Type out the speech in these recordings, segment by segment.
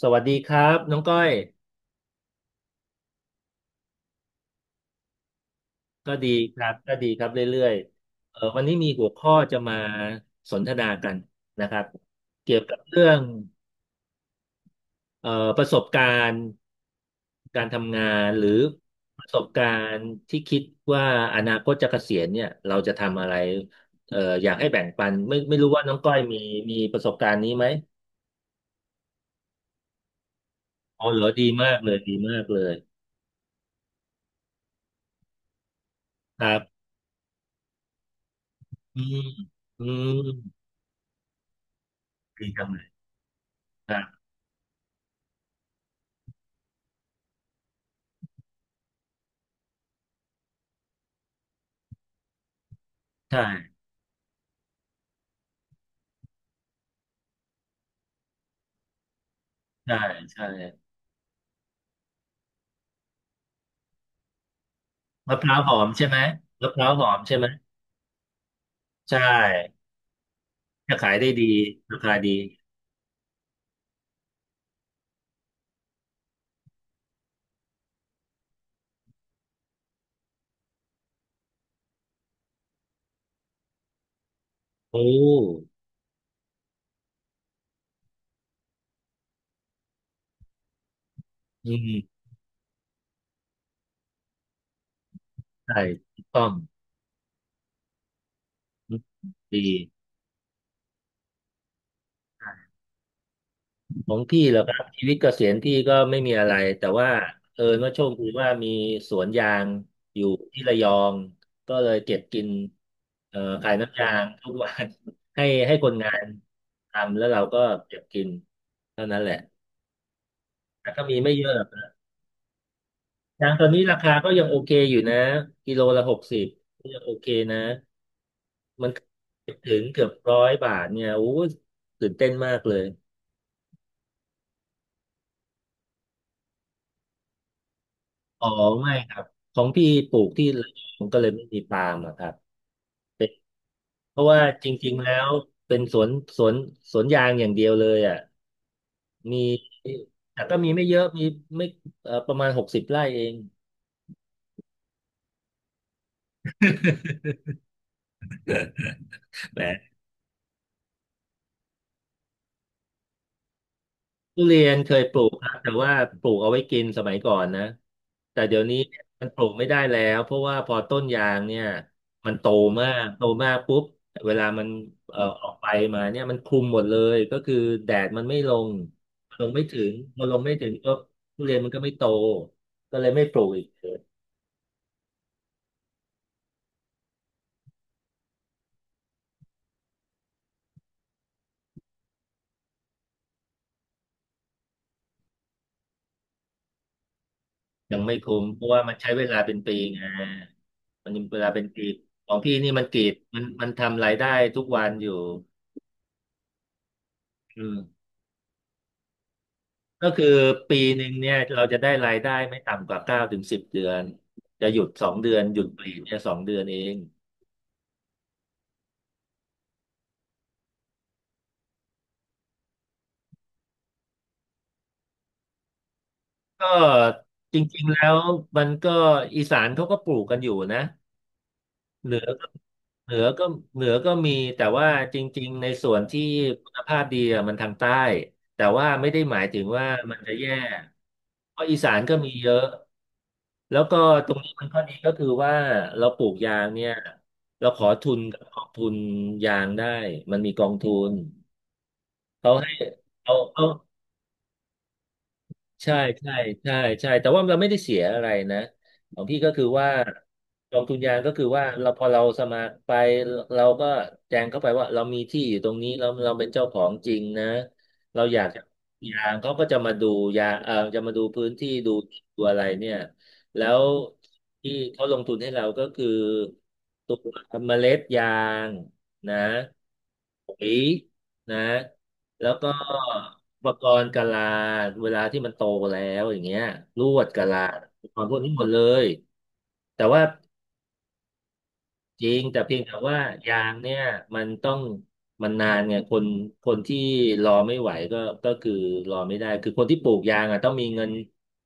สวัสดีครับน้องก้อยก็ดีครับก็ดีครับเรื่อยๆวันนี้มีหัวข้อจะมาสนทนากันนะครับเกี่ยวกับเรื่องเอ่อประสบการณ์การทำงานหรือประสบการณ์ที่คิดว่าอนาคตจะเกษียณเนี่ยเราจะทำอะไรอยากให้แบ่งปันไม่รู้ว่าน้องก้อยมีประสบการณ์นี้ไหมอ๋อเหรอดีมากเลยดีมากเลยครับอืมอืมดีจังเลยครับใช่ใช่ใช่ มะพร้าวหอมใช่ไหมมะพร้าวหอมใช่ไหมใช่จะขายได้ดีราคาดีโอ้อืมใช่ถูกต้องอืมดีของพี่เหรอครับชีวิตเกษียณพี่ก็ไม่มีอะไรแต่ว่าว่าโชคดีว่ามีสวนยางอยู่ที่ระยองก็เลยเก็บกินขายน้ำยางทุกวัน ให้คนงานทำแล้วเราก็เก็บกินเท่านั้นแหละแต่ก็มีไม่เยอะ ยางตอนนี้ราคาก็ยังโอเคอยู่นะกิโลละหกสิบก็ยังโอเคนะมันถึงเกือบร้อยบาทเนี่ยโอ้ยตื่นเต้นมากเลยอ๋อไม่ครับของพี่ปลูกที่ระยองก็เลยไม่มีปาล์มอะครับเพราะว่าจริงๆแล้วเป็นสวนสวนยางอย่างเดียวเลยอ่ะมีแต่ก็มีไม่เยอะมีไม่ประมาณหกสิบไร่เอง แหม ทุเรียนเคยปลูกครับแต่ว่าปลูกเอาไว้กินสมัยก่อนนะแต่เดี๋ยวนี้มันปลูกไม่ได้แล้วเพราะว่าพอต้นยางเนี่ยมันโตมากโตมากปุ๊บเวลามันออกไปมาเนี่ยมันคลุมหมดเลยก็คือแดดมันไม่ลงลงไม่ถึงพอลงไม่ถึงก็ทุเรียนมันก็ไม่โตก็เลยไม่ปลูกอีกเลยยังไม่คุ้มเพราะว่ามันใช้เวลาเป็นปีไงมันเวลาเป็นปีของพี่นี่มันกรีดมันทำรายได้ทุกวันอยู่อืม ก็คือปีหนึ่งเนี่ยเราจะได้รายได้ไม่ต่ำกว่า9 ถึง 10เดือนจะหยุดสองเดือนหยุดปลีกเนี่ยสองเดือนเองก็จริงๆแล้วมันก็อีสานเขาก็ปลูกกันอยู่นะ เหนือก็เหนือก็เหนือก็มีแต่ว่าจริงๆในส่วนที่คุณภาพดีอะมันทางใต้แต่ว่าไม่ได้หมายถึงว่ามันจะแย่เพราะอีสานก็มีเยอะแล้วก็ตรงนี้มันข้อดีก็คือว่าเราปลูกยางเนี่ยเราขอทุนกับกองทุนยางได้มันมีกองทุนเขาให้เขา ใช่ใช่ใช่ใช่แต่ว่าเราไม่ได้เสียอะไรนะของพี่ก็คือว่ากองทุนยางก็คือว่าเราพอเราสมัครไปเราก็แจ้งเข้าไปว่าเรามีที่อยู่ตรงนี้เราเป็นเจ้าของจริงนะเราอยากจะยางเขาก็จะมาดูยาเออจะมาดูพื้นที่ดูตัวอะไรเนี่ยแล้วที่เขาลงทุนให้เราก็คือตัวเมล็ดยางนะ ปุ๋ยนะแล้วก็อุปกรณ์กะลาเวลาที่มันโตแล้วอย่างเงี้ยลวดกะลาอุปกรณ์พวกนี้หมดเลยแต่ว่าจริงแต่เพียงแต่ว่ายางเนี่ยมันต้องมันนานไงคนที่รอไม่ไหวก็คือรอไม่ได้คือคนที่ปลูกยางอ่ะต้องมีเงิน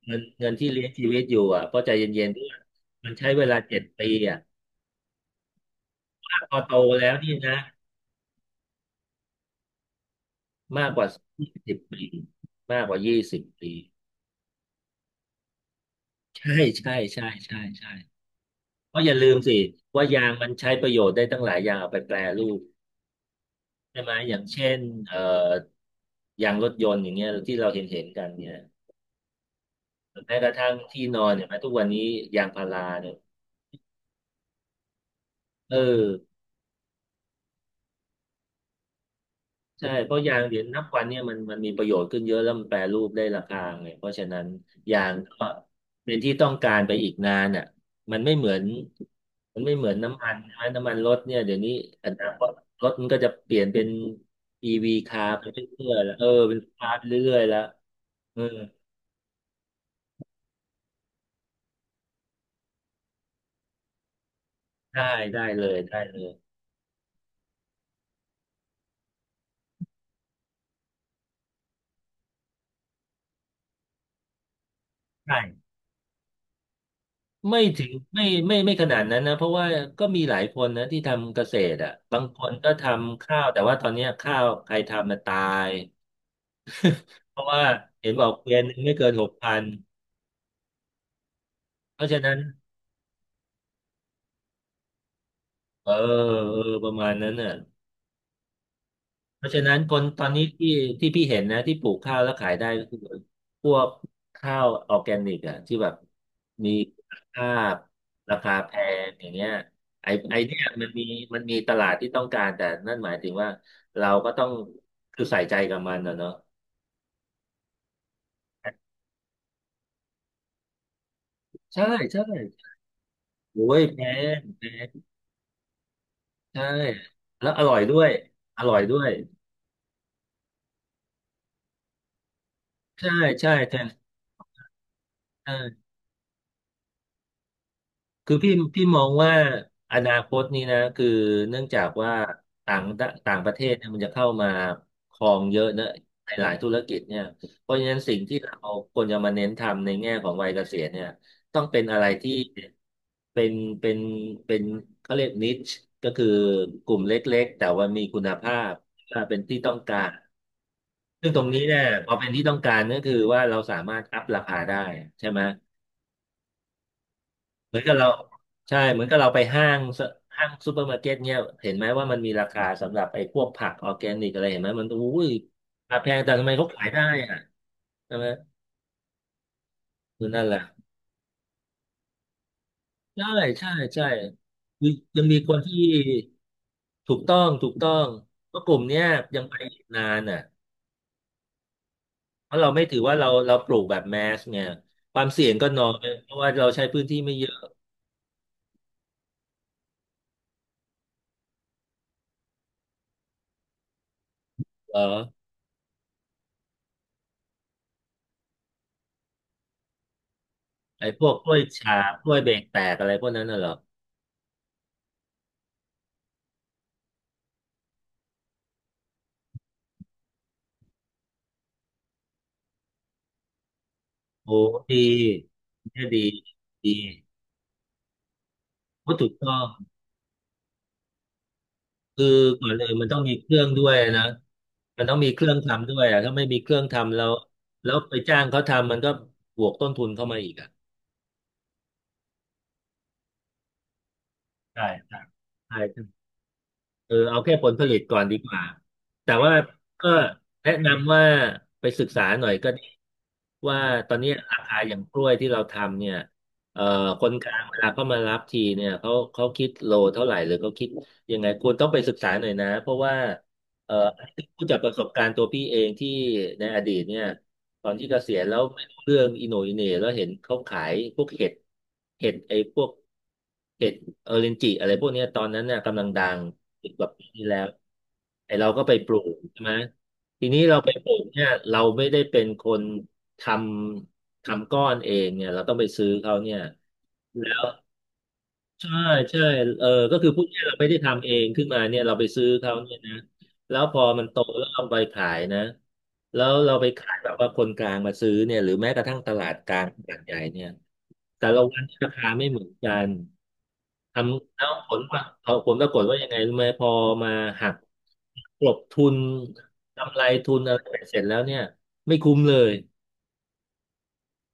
เงินเงินที่เลี้ยงชีวิตอยู่อ่ะเพราะใจเย็นๆด้วยมันใช้เวลา7ปีอ่ะพอโตแล้วนี่นะมากกว่ายี่สิบปีมากกว่ายี่สิบปี ใช่ใช่ใช่ใช่ใช่เพราะอย่าลืมสิว่ายางมันใช้ประโยชน์ได้ตั้งหลายอย่างเอาไปแปรรูปใช่ไหมอย่างเช่นเอ่อยางรถยนต์อย่างเงี้ยที่เราเห็นกันเนี่ยหรือแม้กระทั่งที่นอนเนี่ยแม้ทุกวันนี้ยางพาราเนี่ยเออ ใช่เพราะยางเดี๋ยวนับวันเนี่ยมันมีประโยชน์ขึ้นเยอะแล้วมันแปรรูปได้ราคาไงเพราะฉะนั้นยางก็เป็นที่ต้องการไปอีกนานอ่ะมันไม่เหมือนมันไม่เหมือนน้ำมันใช่ไหมน้ำมันรถเนี่ยเดี๋ยวนี้อนาคตรถมันก็จะเปลี่ยนเป็นอีวีคาร์ไปเรื่อยๆแล้วเออเป็นคาร์ไปเรื่อยๆแล้วเออได้ได้เลยได้เลยใช่ไม่ถึงไม่ขนาดนั้นนะเพราะว่าก็มีหลายคนนะที่ทำเกษตรอ่ะบางคนก็ทำข้าวแต่ว่าตอนเนี้ยข้าวใครทำมันตาย เพราะว่าเห็นบอกเกวียนหนึ่งไม่เกิน6,000เพราะฉะนั้นเออเออประมาณนั้นน่ะเพราะฉะนั้นคนตอนนี้ที่พี่เห็นนะที่ปลูกข้าวแล้วขายได้ก็คือพวกข้าวออร์แกนิกอะที่แบบมีคุณภาพราคาแพงอย่างเงี้ยไอเนี่ยมันมีมันมีตลาดที่ต้องการแต่นั่นหมายถึงว่าเราก็ต้องคือใส่ใจกับมันนะเนาะใช่ใช่โอ้ยแพงแพงใช่แล้วอร่อยด้วยอร่อยด้วยใช่ใช่แท ใช่คือพี่มองว่าอนาคตนี้นะคือเนื่องจากว่าต่างต่างประเทศเนี่ยมันจะเข้ามาครองเยอะเนอะในหลายธุรกิจเนี่ยเพราะฉะนั้นสิ่งที่เราควรจะมาเน้นทำในแง่ของวัยเกษียณเนี่ยต้องเป็นอะไรที่เป็นเป็นเป็นเขาเรียกนิชก็คือกลุ่มเล็กๆแต่ว่ามีคุณภาพว่าเป็นที่ต้องการซึ่งตรงนี้เนี่ยพอเป็นที่ต้องการก็คือว่าเราสามารถอัพราคาได้ใช่ไหม เหมือนกับเราใช่เหมือนกับเราไปห้างซะห้างซูเปอร์มาร์เก็ตเนี่ยเห็นไหมว่ามันมีราคาสำหรับไอ้พวกผักออร์แกนิกอะไรเห็นไหมมันอุ้ยราคาแพงแต่ทำไมเขาขายได้อ่ะใช่ไหมคือนั่นแหละใช่ใช่ใช่คือยังมีคนที่ถูกต้องถูกต้องเพราะกลุ่มเนี้ยยังไปอีกนานอ่ะเพราะเราไม่ถือว่าเราปลูกแบบแมสเนี่ยความเสี่ยงก็น้อยเพราะว่าเราใช้พื้นที่ไม่เยอะเหรอไอ้พวกกล้วยฉาบกล้วยเบรกแตกอะไรพวกนั้นน่ะเหรอ โอ้ดีเนี่ยดีดีโอ้ถูกต้องคือก่อนเลยมันต้องมีเครื่องด้วยนะมันต้องมีเครื่องทำด้วยอ่ะถ้าไม่มีเครื่องทำแล้วแล้วไปจ้างเขาทำมันก็บวกต้นทุนเข้ามาอีกอ่ะใช่ใช่ใช่ เออเอาแค่ผลผลิตก่อนดีกว่าแต่ว่าก็แนะนำว่าไปศึกษาหน่อยก็ดีว่าตอนนี้ราคาอย่างกล้วยที่เราทำเนี่ยเอ่อคนกลางเวลาเขามารับทีเนี่ยเขาเขาคิดโลเท่าไหร่หรือเขาคิดยังไงคุณต้องไปศึกษาหน่อยนะเพราะว่าเอ่ออันนี้พูดจากประสบการณ์ตัวพี่เองที่ในอดีตเนี่ยตอนที่เกษียณแล้วไม่รู้เรื่องอิโหนอิเหน่แล้วเห็นเขาขายพวกเห็ดเห็ดไอ้พวก เห็ดเออเรนจิอะไรพวกเนี้ยตอนนั้นเนี่ยกำลังดัง10 กว่าปีที่แล้วไอเราก็ไปปลูกใช่ไหมทีนี้เราไปปลูกเนี่ยเราไม่ได้เป็นคนททำก้อนเองเนี่ยเราต้องไปซื้อเขาเนี่ยแล้วใช่ใช่เออก็คือพูดง่ายๆเราไม่ได้ทำเองขึ้นมาเนี่ยเราไปซื้อเขาเนี่ยนะแล้วพอมันโตแล้วเอาไปขายนะแล้วเราไปขายแบบว่าคนกลางมาซื้อเนี่ยหรือแม้กระทั่งตลาดกลางตลาดใหญ่เนี่ยแต่ละวันราคาไม่เหมือนกัน ทำแล้วผลว่าพอผลปรากฏว่ายังไงรู้ไหมพอมาหักกลบทุนกำไรทุนอะไรไปเสร็จแล้วเนี่ยไม่คุ้มเลย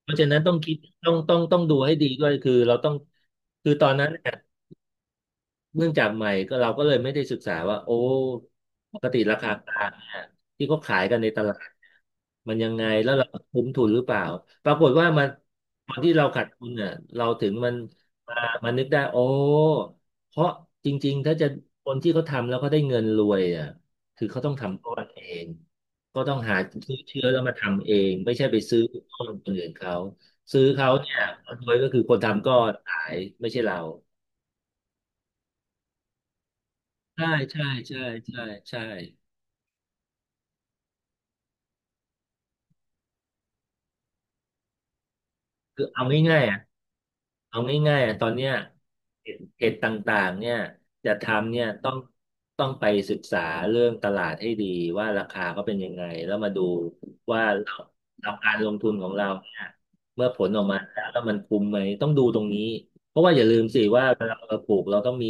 เพราะฉะนั้นต้องคิดต้องดูให้ดีด้วยคือเราต้องคือตอนนั้นเนี่ย เนื่องจากใหม่ก็เราก็เลยไม่ได้ศึกษาว่าโอ้ปกติราคากลางเนี่ยที่เขาขายกันในตลาดมันยังไงแล้วเราคุ้มทุนหรือเปล่าปรากฏว่ามันตอนที่เราขาดทุนเนี่ยเราถึงมันมามานึกได้โอ้เพราะจริงๆถ้าจะคนที่เขาทำแล้วเขาได้เงินรวยอ่ะคือเขาต้องทำก้อนเองก็ต้องหาซื้อเชื้อแล้วมาทำเองไม่ใช่ไปซื้อก้อนคนอื่นเขาซื้อเขาเนี่ยคนรวยก็คือคนทำก้อนขายไม่ใช่เรา ใช่ใช่ใช่ใช่ใช่คือเอาง่ายๆอ่ะเอาง่ายๆอ่ะตอนเนี้ยเห็ดเพจต่างๆเนี่ยจะทำเนี่ยต้องต้องไปศึกษาเรื่องตลาดให้ดีว่าราคาเขาเป็นยังไงแล้วมาดูว่าเราเราการลงทุนของเราเนี่ยเมื่อผลออกมาแล้วแล้วมันคุ้มไหมต้องดูตรงนี้เพราะว่าอย่าลืมสิว่าเวลาเราปลูกเราต้อง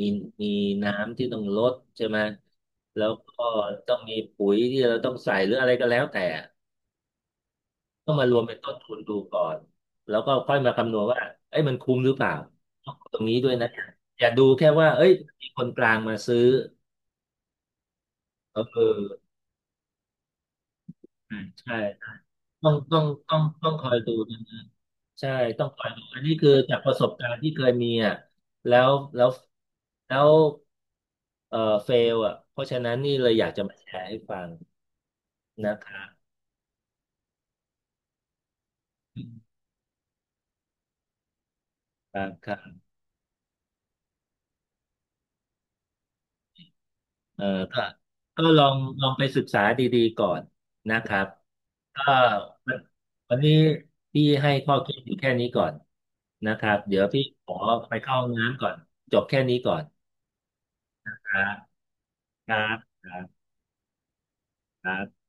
มีมีน้ำที่ต้องลดใช่ไหมแล้วก็ต้องมีปุ๋ยที่เราต้องใส่หรืออะไรก็แล้วแต่ ต้องมารวมเป็นต้นทุนดูก่อนแล้วก็ค่อยมาคำนวณว่าเอ้ยมันคุ้มหรือเปล่าต้องดูตรงนี้ด้วยนะอย่าดูแค่ว่าเอ้ยมีคนกลางมาซื้อเออใช่ใช่ต้องต้องต้องต้องคอยดูนะใช่ต้องคอยดูอันนี้คือจากประสบการณ์ที่เคยมีอ่ะแล้วแล้วแล้วเอ่อเฟลอ่ะเพราะฉะนั้นนี่เลยอยากจะมาแชร์ให้ฟังนะครับครับครับ เออก็ก็ลองไปศึกษาดีๆก่อนนะครับก็วันวันนี้พี่ให้ข้อคิดอยู่แค่นี้ก่อนนะครับ เดี๋ยวพี่ขอไปเข้าห้องน้ำก่อนจบแค่นี้ก่อนครับครับครับครับ